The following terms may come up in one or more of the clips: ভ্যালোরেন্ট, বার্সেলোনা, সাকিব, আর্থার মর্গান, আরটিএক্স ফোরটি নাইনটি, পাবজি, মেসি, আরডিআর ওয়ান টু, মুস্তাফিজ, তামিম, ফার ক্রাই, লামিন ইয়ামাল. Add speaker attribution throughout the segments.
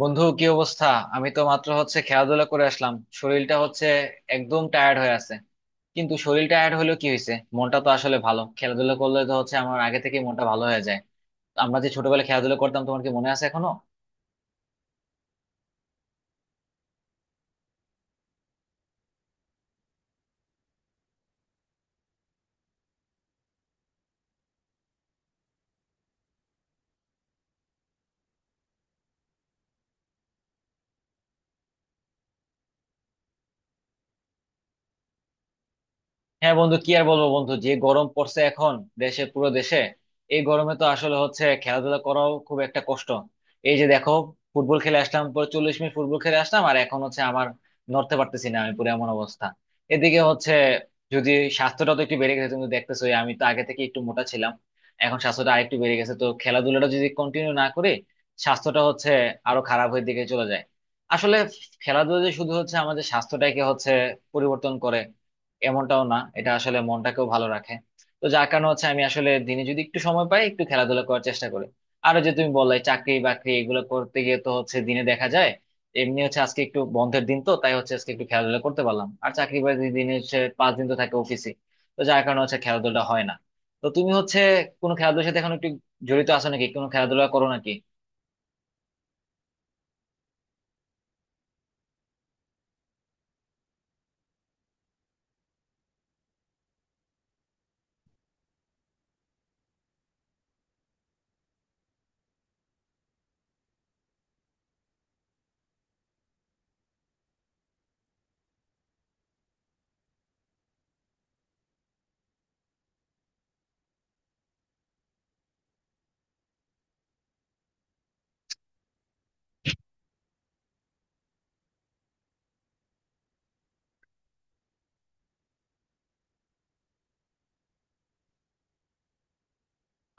Speaker 1: বন্ধু, কি অবস্থা? আমি তো মাত্র হচ্ছে খেলাধুলা করে আসলাম। শরীরটা হচ্ছে একদম টায়ার্ড হয়ে আছে। কিন্তু শরীর টায়ার্ড হলেও কি হয়েছে, মনটা তো আসলে ভালো, খেলাধুলা করলে তো হচ্ছে আমার আগে থেকে মনটা ভালো হয়ে যায়। আমরা যে ছোটবেলায় খেলাধুলা করতাম, তোমার কি মনে আছে এখনো? হ্যাঁ, বন্ধু কি আর বলবো, বন্ধু যে গরম পড়ছে এখন দেশে, পুরো দেশে। এই গরমে তো আসলে হচ্ছে খেলাধুলা করাও খুব একটা কষ্ট। এই যে দেখো, ফুটবল খেলে আসলাম, পরে 40 মিনিট ফুটবল খেলে আসলাম, আর এখন হচ্ছে আমার নড়তে পারতেছি না আমি, পুরো এমন অবস্থা। এদিকে হচ্ছে যদি স্বাস্থ্যটা তো একটু বেড়ে গেছে, তুমি তো দেখতেছো আমি তো আগে থেকে একটু মোটা ছিলাম। এখন স্বাস্থ্যটা আরেকটু বেড়ে গেছে, তো খেলাধুলাটা যদি কন্টিনিউ না করি স্বাস্থ্যটা হচ্ছে আরো খারাপের দিকে চলে যায়। আসলে খেলাধুলা যে শুধু হচ্ছে আমাদের স্বাস্থ্যটাকে হচ্ছে পরিবর্তন করে এমনটাও না, এটা আসলে মনটাকেও ভালো রাখে। তো যার কারণে হচ্ছে আমি আসলে দিনে যদি একটু সময় পাই একটু খেলাধুলা করার চেষ্টা করি। আর ওই যে তুমি বললে চাকরি বাকরি, এগুলো করতে গিয়ে তো হচ্ছে দিনে দেখা যায় এমনি হচ্ছে আজকে একটু বন্ধের দিন তো তাই হচ্ছে আজকে একটু খেলাধুলা করতে পারলাম, আর চাকরি বাকরি দিনে হচ্ছে 5 দিন তো থাকে অফিসে। তো যার কারণে হচ্ছে খেলাধুলা হয় না। তো তুমি হচ্ছে কোনো খেলাধুলার সাথে এখন একটু জড়িত আছো নাকি, কোনো খেলাধুলা করো নাকি?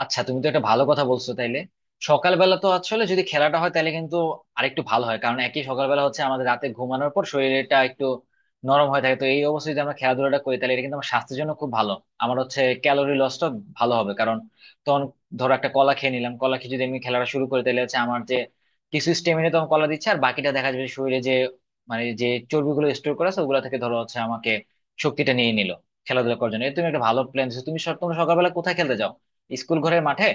Speaker 1: আচ্ছা, তুমি তো একটা ভালো কথা বলছো, তাইলে সকালবেলা তো আসলে যদি খেলাটা হয় তাহলে কিন্তু আরেকটু ভালো হয়, কারণ একই সকালবেলা হচ্ছে আমাদের রাতে ঘুমানোর পর শরীরটা একটু নরম হয়ে থাকে, তো এই অবস্থায় যদি আমরা খেলাধুলাটা করি তাহলে এটা কিন্তু আমার স্বাস্থ্যের জন্য খুব ভালো। আমার হচ্ছে ক্যালোরি লসটা ভালো হবে, কারণ তখন ধরো একটা কলা খেয়ে নিলাম, কলা খেয়ে যদি আমি খেলাটা শুরু করি তাহলে হচ্ছে আমার যে কিছু স্টেমিনা তখন কলা দিচ্ছে, আর বাকিটা দেখা যাবে শরীরে যে মানে যে চর্বিগুলো স্টোর করা আছে ওগুলা থেকে ধরো হচ্ছে আমাকে শক্তিটা নিয়ে নিল খেলাধুলা করার জন্য। এই তুমি একটা ভালো প্ল্যান দিচ্ছ। তুমি তোমরা সকালবেলা কোথায় খেলতে যাও, স্কুল ঘরের মাঠে?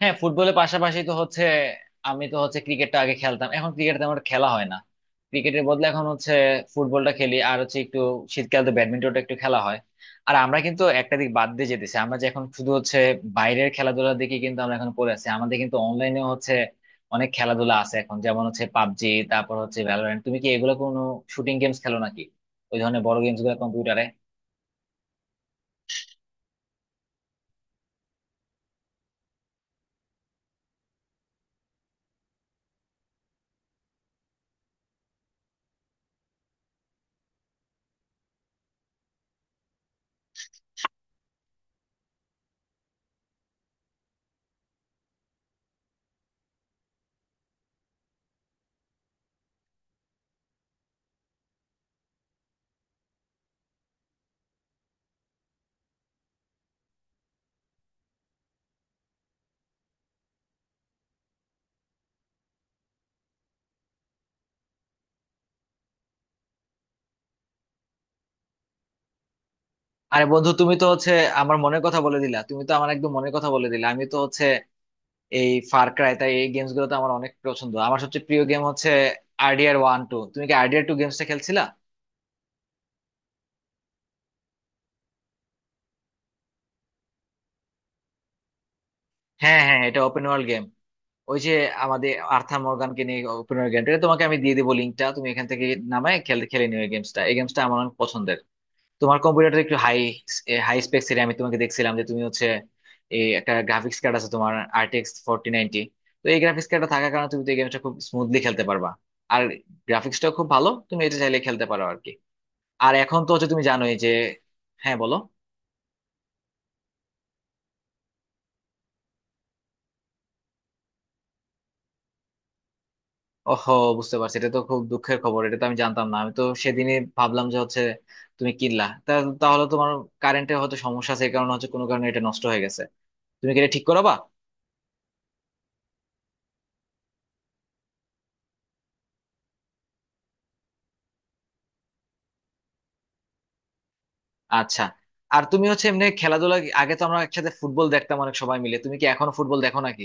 Speaker 1: হ্যাঁ, ফুটবলের পাশাপাশি তো হচ্ছে আমি তো হচ্ছে ক্রিকেটটা আগে খেলতাম, এখন ক্রিকেট তেমন একটা খেলা হয় না। ক্রিকেটের বদলে এখন হচ্ছে ফুটবলটা খেলি, আর হচ্ছে একটু শীতকাল তো ব্যাডমিন্টনটা একটু খেলা হয়। আর আমরা কিন্তু একটা দিক বাদ দিয়ে যেতেছি, আমরা যে এখন শুধু হচ্ছে বাইরের খেলাধুলার দিকে কিন্তু আমরা এখন পড়ে আছি, আমাদের কিন্তু অনলাইনেও হচ্ছে অনেক খেলাধুলা আছে এখন, যেমন হচ্ছে পাবজি, তারপর হচ্ছে ভ্যালোরেন্ট। তুমি কি এগুলো কোনো শুটিং গেমস খেলো নাকি, ওই ধরনের বড় গেমস গুলো কম্পিউটারে? আরে বন্ধু, তুমি তো হচ্ছে আমার মনের কথা বলে দিলা, তুমি তো আমার একদম মনের কথা বলে দিলা। আমি তো হচ্ছে এই ফার ক্রাই তাই এই গেমস গুলো তো আমার অনেক পছন্দ। আমার সবচেয়ে প্রিয় গেম হচ্ছে RDR 1, 2। তুমি কি RDR 2 গেমসটা খেলছিলা? হ্যাঁ হ্যাঁ, এটা ওপেন ওয়ার্ল্ড গেম। ওই যে আমাদের আর্থার মর্গানকে নিয়ে ওপেন ওয়ার্ল্ড গেম। এটা তোমাকে আমি দিয়ে দেবো লিঙ্কটা, তুমি এখান থেকে নামায় খেলে খেলে নিও। এই গেমসটা, এই গেমসটা আমার অনেক পছন্দের। তোমার কম্পিউটারটা একটু হাই, হাই স্পেক এর, আমি তোমাকে দেখছিলাম যে তুমি হচ্ছে এই একটা গ্রাফিক্স কার্ড আছে তোমার RTX 4090। তো এই গ্রাফিক্স কার্ডটা থাকার কারণে তুমি তো এই গেমটা খুব স্মুথলি খেলতে পারবা, আর গ্রাফিক্সটাও খুব ভালো, তুমি এটা চাইলে খেলতে পারো আর কি। আর এখন তো হচ্ছে তুমি জানোই যে হ্যাঁ বলো। ওহো, বুঝতে পারছি, এটা তো খুব দুঃখের খবর, এটা তো আমি জানতাম না। আমি তো সেদিনই ভাবলাম যে হচ্ছে তুমি কিনলা তা। তাহলে তোমার কারেন্টে হয়তো সমস্যা আছে, এই কারণে হচ্ছে কোনো কারণে এটা নষ্ট হয়ে গেছে। তুমি কি এটা ঠিক করাবা? আচ্ছা। আর তুমি হচ্ছে এমনি খেলাধুলা আগে তো আমরা একসাথে ফুটবল দেখতাম অনেক সবাই মিলে, তুমি কি এখনো ফুটবল দেখো নাকি?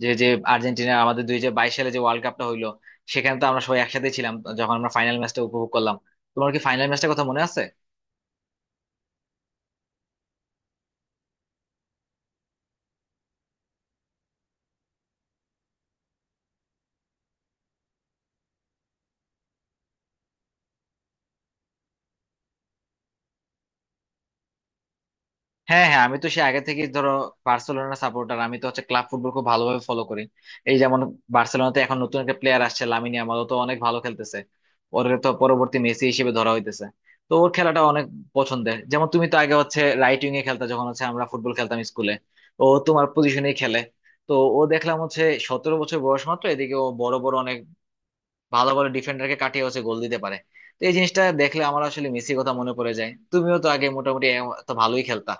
Speaker 1: যে যে আর্জেন্টিনা আমাদের 2022 সালে যে ওয়ার্ল্ড কাপটা হইলো, সেখানে তো আমরা সবাই একসাথে ছিলাম, যখন আমরা ফাইনাল ম্যাচটা উপভোগ করলাম। তোমার কি ফাইনাল ম্যাচটার কথা মনে আছে? হ্যাঁ হ্যাঁ, আমি তো সে আগে থেকেই ধরো বার্সেলোনা সাপোর্টার, আমি তো হচ্ছে ক্লাব ফুটবল খুব ভালোভাবে ফলো করি। এই যেমন বার্সেলোনাতে এখন নতুন একটা প্লেয়ার আসছে লামিন ইয়ামাল, ও তো অনেক ভালো খেলতেছে। ওর তো পরবর্তী মেসি হিসেবে ধরা হইতেছে। তো ওর খেলাটা অনেক পছন্দের। যেমন তুমি তো আগে হচ্ছে রাইট উইং এ খেলতা যখন হচ্ছে আমরা ফুটবল খেলতাম স্কুলে, ও তোমার পজিশনেই খেলে। তো ও দেখলাম হচ্ছে 17 বছর বয়স মাত্র, এদিকে ও বড় বড় অনেক ভালো ভালো ডিফেন্ডারকে কাটিয়ে হচ্ছে গোল দিতে পারে। তো এই জিনিসটা দেখলে আমার আসলে মেসির কথা মনে পড়ে যায়। তুমিও তো আগে মোটামুটি তো ভালোই খেলতা,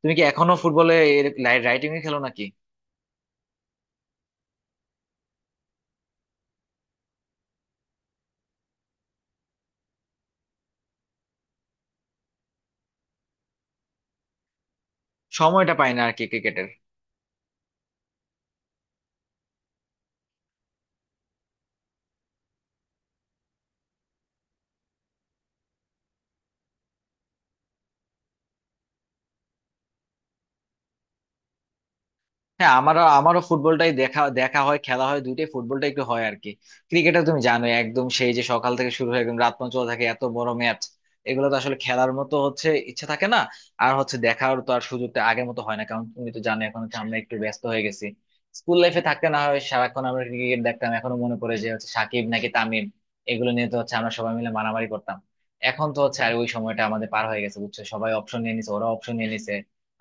Speaker 1: তুমি কি এখনো ফুটবলে রাইটিং এ খেলো নাকি? সময়টা পাই না আর কি ক্রিকেটের। হ্যাঁ, আমারও আমারও ফুটবলটাই দেখা দেখা হয়, খেলা হয় দুইটাই, ফুটবলটা একটু হয় আর কি। ক্রিকেটটা তুমি জানো একদম সেই যে সকাল থেকে শুরু হয়ে একদম রাত পর্যন্ত চলে থাকে, এত বড় ম্যাচ এগুলো তো আসলে খেলার মতো হচ্ছে ইচ্ছে থাকে না। আর হচ্ছে দেখার তো আর সুযোগটা আগের মতো হয় না, কারণ তুমি তো জানো এখন হচ্ছে আমরা একটু ব্যস্ত হয়ে গেছি। স্কুল লাইফে থাকতে না হয় সারাক্ষণ আমরা ক্রিকেট দেখতাম, এখনো মনে পড়ে যে হচ্ছে সাকিব নাকি তামিম, এগুলো নিয়ে তো হচ্ছে আমরা সবাই মিলে মারামারি করতাম। এখন তো হচ্ছে আর ওই সময়টা আমাদের পার হয়ে গেছে বুঝছো, সবাই অপশন নিয়ে নিছে, ওরা অপশন নিয়ে নিছে,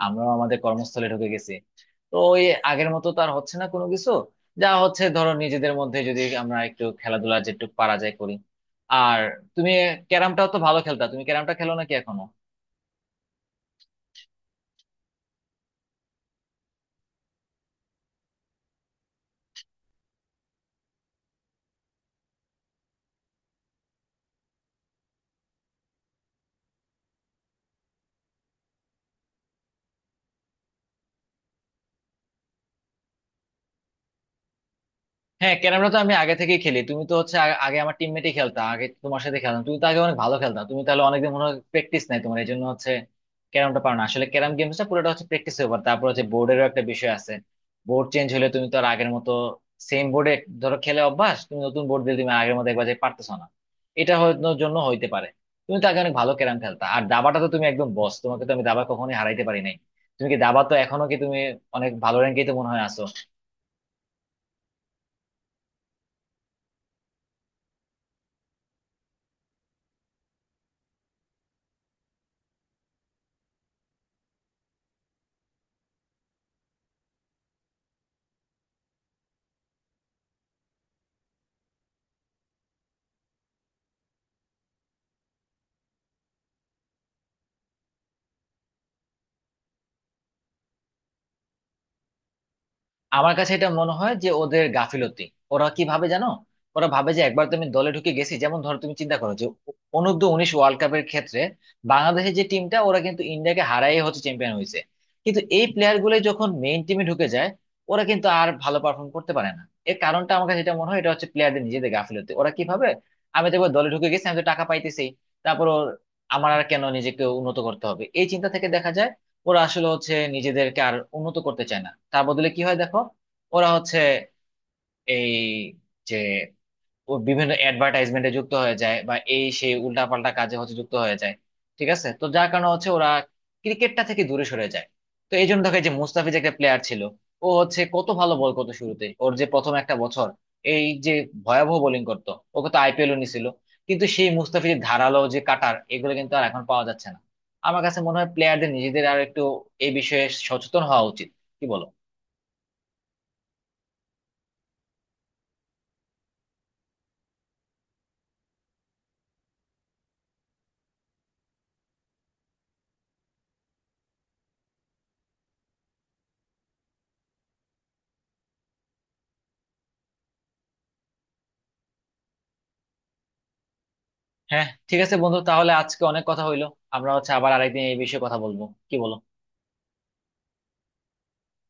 Speaker 1: আমরাও আমাদের কর্মস্থলে ঢুকে গেছি। তো ওই আগের মতো তো আর হচ্ছে না কোনো কিছু, যা হচ্ছে ধরো নিজেদের মধ্যে যদি আমরা একটু খেলাধুলা যেটুকু পারা যায় করি। আর তুমি ক্যারামটাও তো ভালো খেলতা, তুমি ক্যারামটা খেলো নাকি এখনো? হ্যাঁ, ক্যারামটা তো আমি আগে থেকেই খেলি। তুমি তো হচ্ছে আগে আমার টিমমেটই খেলতা, আগে তোমার সাথে খেলতাম, তুমি তো আগে অনেক ভালো খেলতা। তুমি তাহলে অনেকদিন মনে হয় প্র্যাকটিস নাই তোমার, এই জন্য হচ্ছে ক্যারামটা পারো না। আসলে ক্যারাম গেমসটা পুরোটা হচ্ছে প্র্যাকটিস ব্যাপার, তারপর হচ্ছে বোর্ডেরও একটা বিষয় আছে। বোর্ড চেঞ্জ হলে তুমি তো আর আগের মতো সেম বোর্ডে ধরো খেলে অভ্যাস, তুমি নতুন বোর্ড দিলে তুমি আগের মতো একবার যে পারতেছো না, এটা হওয়ার জন্য হইতে পারে। তুমি তো আগে অনেক ভালো ক্যারাম খেলতা। আর দাবাটা তো তুমি একদম বস, তোমাকে তো আমি দাবা কখনোই হারাইতে পারি নাই। তুমি কি দাবা তো এখনো কি তুমি অনেক ভালো র্যাঙ্কেই তো মনে হয় আছো? আমার কাছে এটা মনে হয় যে ওদের গাফিলতি। ওরা কি ভাবে জানো, ওরা ভাবে যে একবার তুমি দলে ঢুকে গেছি, যেমন ধরো তুমি চিন্তা করো যে অনূর্ধ্ব 19 ওয়ার্ল্ড কাপের ক্ষেত্রে বাংলাদেশের যে টিমটা, ওরা কিন্তু ইন্ডিয়াকে হারাই হচ্ছে চ্যাম্পিয়ন হয়েছে। কিন্তু এই প্লেয়ার গুলো যখন মেইন টিমে ঢুকে যায় ওরা কিন্তু আর ভালো পারফর্ম করতে পারে না। এর কারণটা আমার কাছে এটা মনে হয় এটা হচ্ছে প্লেয়ারদের নিজেদের গাফিলতি। ওরা কি ভাবে, আমি তো একবার দলে ঢুকে গেছি, আমি তো টাকা পাইতেছি, তারপর আমার আর কেন নিজেকে উন্নত করতে হবে, এই চিন্তা থেকে দেখা যায় ওরা আসলে হচ্ছে নিজেদেরকে আর উন্নত করতে চায় না। তার বদলে কি হয় দেখো, ওরা হচ্ছে এই যে ও বিভিন্ন অ্যাডভার্টাইজমেন্টে যুক্ত হয়ে যায়, বা এই সেই উল্টাপাল্টা কাজে হচ্ছে যুক্ত হয়ে যায়, ঠিক আছে। তো যার কারণে হচ্ছে ওরা ক্রিকেটটা থেকে দূরে সরে যায়। তো এই জন্য দেখো এই যে মুস্তাফিজ একটা প্লেয়ার ছিল, ও হচ্ছে কত ভালো বল করতো শুরুতে, ওর যে প্রথম একটা বছর এই যে ভয়াবহ বোলিং করতো, ওকে তো আইপিএল ও নিছিল। কিন্তু সেই মুস্তাফিজের ধারালো যে কাটার এগুলো কিন্তু আর এখন পাওয়া যাচ্ছে না। আমার কাছে মনে হয় প্লেয়ারদের নিজেদের আর একটু এই বিষয়ে সচেতন হওয়া উচিত। কি বলো? হ্যাঁ, ঠিক আছে বন্ধু, তাহলে আজকে অনেক কথা হইলো। আমরা হচ্ছে আবার আরেকদিন এই বিষয়ে কথা বলবো, কি বলো?